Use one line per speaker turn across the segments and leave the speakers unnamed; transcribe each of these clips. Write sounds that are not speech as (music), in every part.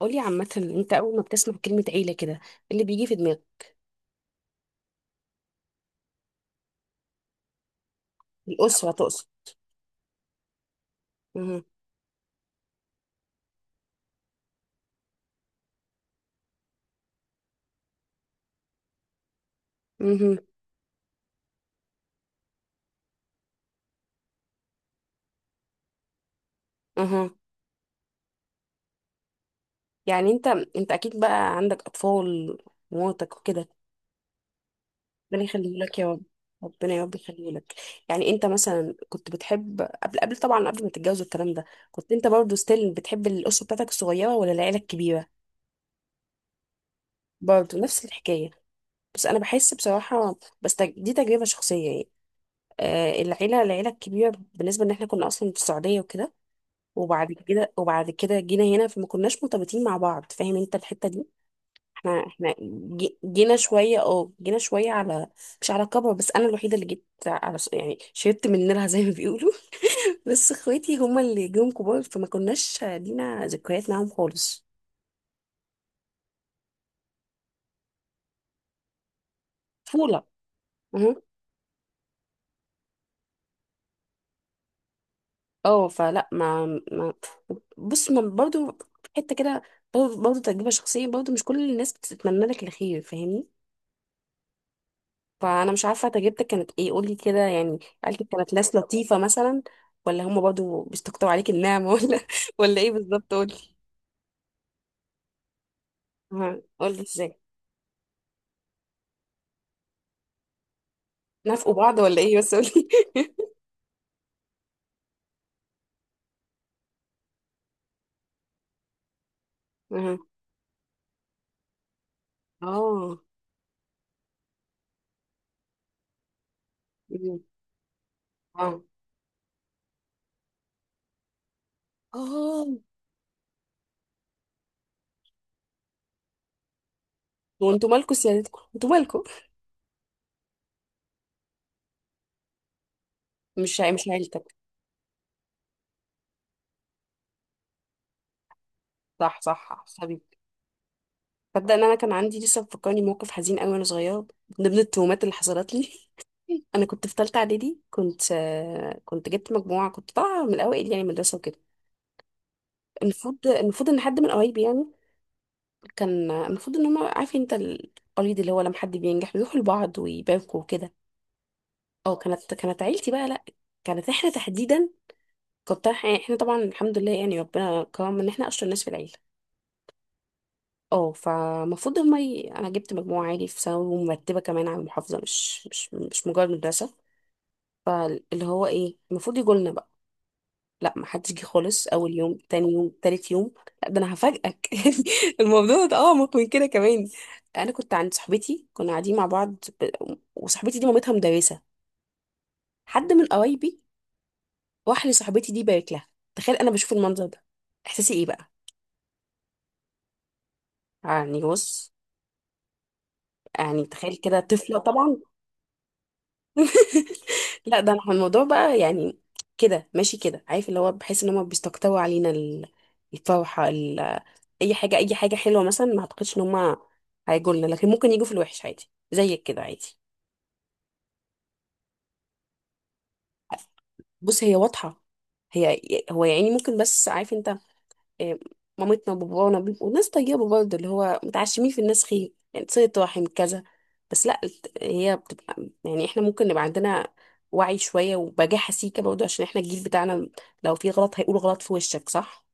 قولي، عامة انت اول ما بتسمع كلمة عيلة كده، ايه اللي بيجي في دماغك؟ الأسرة تقصد؟ مهم. مهم. اها. يعني انت اكيد بقى عندك اطفال، ومراتك وكده؟ ربنا يخليه لك يا رب. ربنا يا رب يخليه لك. يعني انت مثلا كنت بتحب قبل طبعا، قبل ما تتجوز الكلام ده، كنت انت برضو ستيل بتحب الأسرة بتاعتك الصغيرة ولا العيلة الكبيرة؟ برضو نفس الحكاية؟ بس انا بحس بصراحة، بس دي تجربة شخصية يعني. العيلة الكبيرة، بالنسبة ان احنا كنا اصلا في السعودية وكده، وبعد كده جينا هنا، فما كناش مرتبطين مع بعض، فاهم انت الحتة دي. احنا جينا شوية جينا شوية على مش على كبر، بس انا الوحيدة اللي جيت على يعني شربت من نيرها، (laughs) زي ما بيقولوا. (laughs) بس اخواتي هما اللي جم كبار، فما كناش لينا ذكريات معاهم خالص. طفولة. مهم. اه فلا ما بص، ما برضه حتة كده، برضه تجربة شخصية، برضه مش كل الناس بتتمنى لك الخير، فاهمني. فانا مش عارفه تجربتك كانت ايه، قولي كده، يعني عيلتك كانت ناس لطيفه مثلا، ولا هم برضو بيستكتروا عليك النعمه، ولا (laughs) ولا ايه بالظبط، قولي. ها قولي ازاي. نافقوا بعض ولا ايه، بس قولي. (laughs) ها. اه. مم. اه. اه. وانتوا مالكوا سيادتكم، انتوا مالكوا. مش عيلتك. صح، صح حبيبي. تصدق ان انا كان عندي لسه مفكرني موقف حزين قوي وانا صغيره، من ضمن التهمات اللي حصلت لي. (laughs) انا كنت في ثالثه اعدادي، كنت جبت مجموعه، كنت طالعه من الاوائل يعني، مدرسه وكده. المفروض ان حد من قرايبي يعني، كان المفروض ان هم، عارف انت القريد اللي هو لما حد بينجح بيروحوا لبعض ويباركوا وكده. اه، كانت عيلتي بقى لا، كانت احنا تحديدا، كنت احنا طبعا الحمد لله، يعني ربنا كرم ان احنا اشطر ناس في العيله. اه، فالمفروض هم انا جبت مجموعه عالي في ثانوي ومرتبه كمان على المحافظه، مش مجرد مدرسه. فاللي هو ايه، المفروض يجوا لنا بقى. لا ما حدش جه خالص، اول يوم، تاني يوم، تالت يوم. لا ده انا هفاجئك، (laughs) يعني الموضوع ده اعمق من كده كمان. انا كنت عند صاحبتي، كنا قاعدين مع بعض، ب... وصاحبتي دي مامتها مدرسه، حد من قرايبي راح لصاحبتي دي بارك لها. تخيل انا بشوف المنظر ده، احساسي ايه بقى؟ يعني بص، يعني تخيل كده، طفله طبعا. (laughs) لا ده احنا الموضوع بقى يعني، كده ماشي كده، عارف اللي هو بحس ان هم بيستقطبوا علينا الفرحه. اي حاجه، اي حاجه حلوه مثلا، ما اعتقدش ان هم هيجوا لنا، لكن ممكن يجوا في الوحش عادي زيك كده، عادي. بص، هي واضحه، هي، هو يعني ممكن، بس عارف انت، آه، مامتنا وبابانا بيبقوا ناس طيبة برضه، اللي هو متعشمين في الناس خير، يعني صلة رحم كذا. بس لا هي بتبقى يعني، احنا ممكن نبقى عندنا وعي شوية، وبجاحة سيكة برضه، عشان احنا الجيل بتاعنا، لو في غلط هيقول غلط في وشك، صح.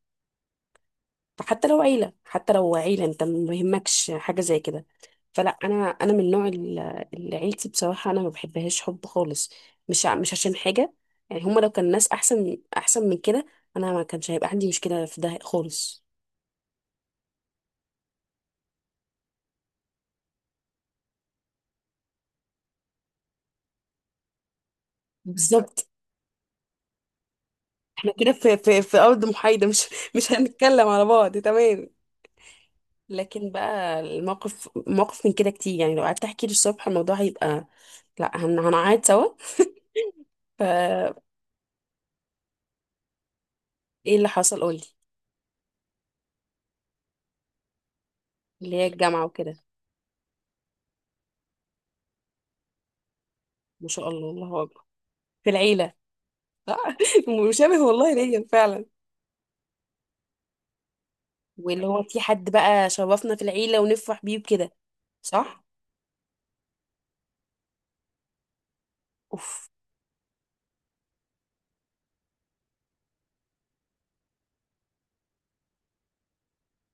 فحتى لو عيلة، حتى لو عيلة، انت ما يهمكش حاجة زي كده. فلا، انا من نوع. اللي عيلتي بصراحة انا ما بحبهاش حب خالص، مش عشان حاجة، يعني هما لو كان ناس احسن، احسن من كده، انا ما كانش هيبقى عندي مشكلة في ده خالص. بالظبط. احنا كده في ارض محايده، مش مش هنتكلم على بعض، تمام. لكن بقى الموقف، موقف من كده كتير، يعني لو قعدت احكي للصبح الموضوع هيبقى، لا هنقعد سوا. فا ايه اللي حصل، قولي. اللي هي الجامعه وكده؟ ما شاء الله، الله اكبر. في العيله. (laughs) صح؟ مشابه والله ليا فعلا. واللي هو في حد بقى شرفنا في العيله ونفرح بيه وكده. صح. اوف،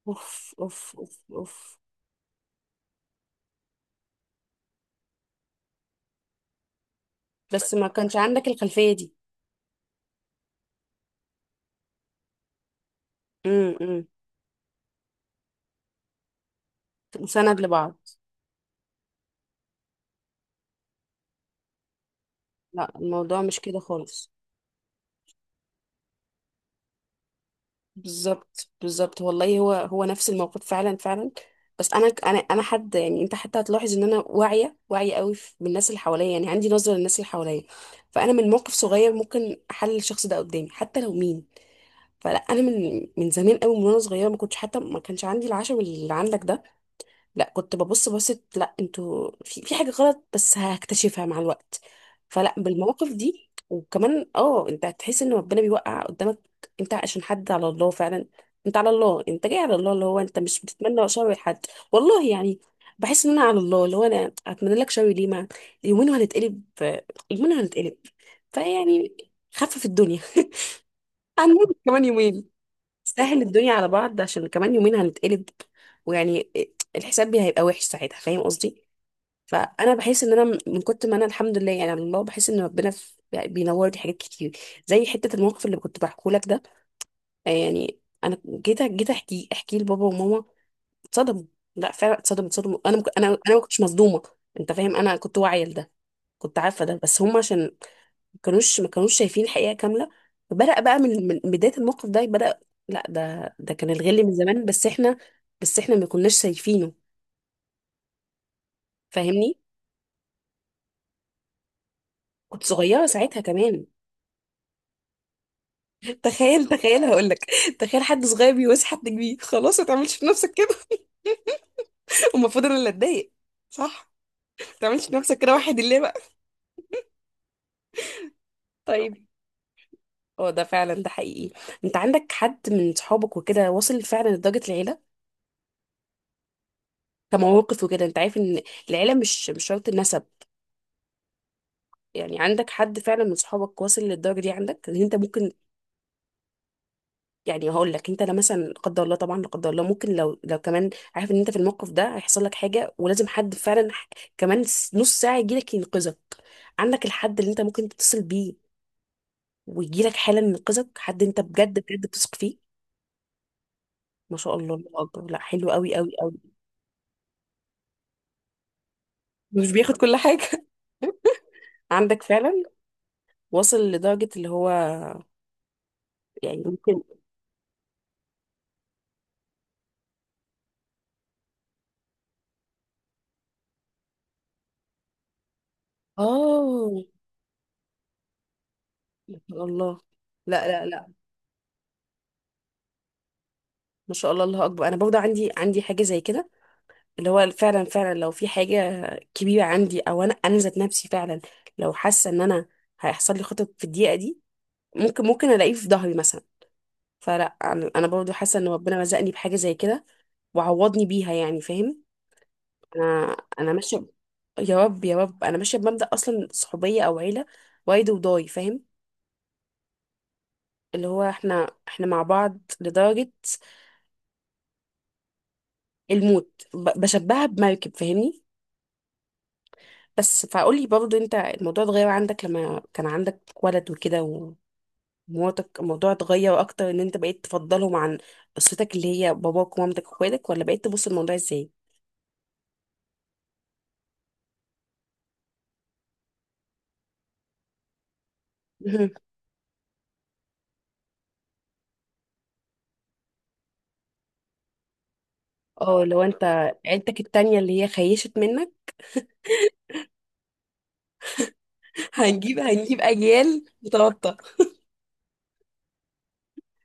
اوف، اوف، اوف، اوف. بس ما كانش عندك الخلفيه دي. امم، امم. سند لبعض. لا، الموضوع مش كده خالص. بالظبط، بالظبط والله، هو هو نفس الموقف، فعلا فعلا. بس انا حد، يعني انت حتى هتلاحظ ان انا واعيه، واعيه قوي بالناس اللي حواليا، يعني عندي نظره للناس اللي حواليا. فانا من موقف صغير ممكن احلل الشخص ده قدامي، حتى لو مين. فلا انا من زمان قوي، وانا صغيره ما كنتش، حتى ما كانش عندي العشم اللي عندك ده. لا كنت ببص بصت، لا انتوا في حاجة غلط بس هكتشفها مع الوقت. فلا بالمواقف دي، وكمان انت هتحس ان ربنا بيوقع قدامك. انت عشان حد على الله فعلا، انت على الله، انت جاي على الله، اللي هو انت مش بتتمنى شر لحد، والله يعني. بحس ان انا على الله، اللي هو انا اتمنى لك شر ليه، ما، يومين وهنتقلب. يومين وهنتقلب. فيعني، خفف الدنيا. (laughs) هنموت كمان يومين. سهل الدنيا على بعض، عشان كمان يومين هنتقلب. ويعني الحساب بي هيبقى وحش ساعتها، فاهم قصدي. فانا بحس ان انا من كنت، ما انا الحمد لله يعني، على الله بحس ان ربنا بينور لي حاجات كتير، زي حته الموقف اللي كنت بحكيه لك ده. يعني انا جيت احكي لبابا وماما، اتصدموا. لا فعلا اتصدموا، اتصدموا. انا انا ما كنتش مصدومه. انت فاهم، انا كنت واعيه لده، كنت عارفه ده، بس هم عشان ما كانوش شايفين الحقيقه كامله. فبدأ بقى من بدايه الموقف ده بدأ. لا ده كان الغل من زمان، بس احنا ما كناش شايفينه، فاهمني. كنت صغيره ساعتها كمان. (laughs) تخيل هقول لك، تخيل حد صغير بيواسي حد كبير، خلاص ما تعملش في نفسك كده. (laughs) المفروض انا اللي اتضايق. صح. ما تعملش في نفسك كده، واحد اللي بقى. طيب، اه ده فعلا، ده حقيقي، انت عندك حد من صحابك وكده واصل فعلا لدرجه العيله، كمواقف وكده، انت عارف ان العيله مش شرط النسب. يعني عندك حد فعلا من صحابك واصل للدرجه دي، عندك ان انت ممكن، يعني هقول لك انت، لا مثلا، لا قدر الله طبعا، لا قدر الله ممكن لو كمان عارف ان انت في الموقف ده هيحصل لك حاجه، ولازم حد فعلا كمان نص ساعه يجي لك ينقذك، عندك الحد اللي انت ممكن تتصل بيه، ويجي لك حالا ينقذك، حد انت بجد، بجد بتثق فيه. ما شاء الله، الله اكبر، لا حلو قوي، قوي قوي. مش بياخد كل حاجه. (laughs) عندك فعلا واصل لدرجه اللي هو، يعني ممكن، اه ما شاء الله. لا، لا، لا. ما شاء الله، الله اكبر، انا برضه عندي حاجه زي كده، اللي هو فعلا فعلا لو في حاجه كبيره عندي، او انا ذات نفسي فعلا، لو حاسه ان انا هيحصل لي خطط في الدقيقه دي، ممكن الاقيه في ظهري مثلا. فلا انا برضه حاسه ان ربنا رزقني بحاجه زي كده، وعوضني بيها، يعني فاهم. انا ماشيه. يا رب، يا رب، انا ماشيه بمبدأ اصلا، صحوبيه او عيله، وايد وضاي، فاهم. اللي هو احنا مع بعض لدرجه الموت، بشبهها بمركب، فاهمني. بس فقولي برضو، انت الموضوع اتغير عندك لما كان عندك ولد وكده ومراتك، الموضوع اتغير اكتر ان انت بقيت تفضلهم عن قصتك اللي هي باباك ومامتك واخواتك، ولا بقيت تبص الموضوع ازاي؟ مهم. اه، لو انت عيلتك التانية اللي هي خيشت منك. (laughs) هنجيب اجيال متوطة.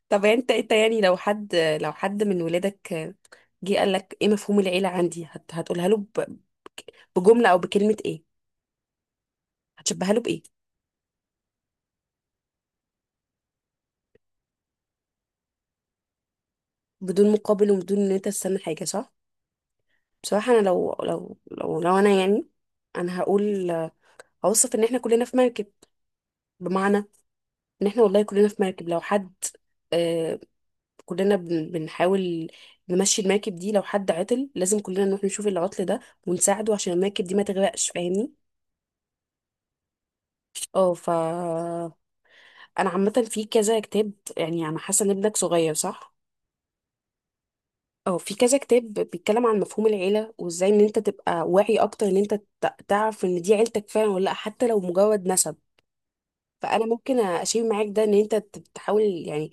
طب انت يعني، لو حد من ولادك جه قال لك، ايه مفهوم العيلة عندي، هتقولها له بجملة او بكلمة ايه؟ هتشبهها له بايه؟ بدون مقابل وبدون ان انت تستنى حاجة، صح. بصراحة أنا، لو أنا يعني، أنا هقول، هوصف إن إحنا كلنا في مركب، بمعنى إن إحنا والله كلنا في مركب. لو حد آه كلنا بنحاول نمشي المركب دي، لو حد عطل لازم كلنا نروح نشوف العطل ده ونساعده عشان المركب دي ما تغرقش، فاهمني. اه، أنا عامة في كذا كتاب، يعني أنا حاسة إن ابنك صغير، صح؟ اه، في كذا كتاب بيتكلم عن مفهوم العيلة، وإزاي إن أنت تبقى واعي أكتر، إن أنت تعرف إن دي عيلتك فعلا ولا لأ، حتى لو مجرد نسب. فانا ممكن اشيل معاك ده، ان انت تحاول يعني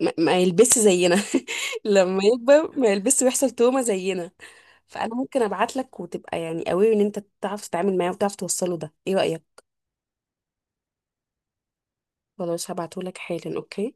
ما يلبسش زينا. (laughs) لما يكبر ما يلبسش ويحصل توما زينا. فانا ممكن ابعت لك، وتبقى يعني قوي ان انت تعرف تتعامل معاه وتعرف توصله ده، ايه رايك؟ خلاص هبعته لك حالا، اوكي.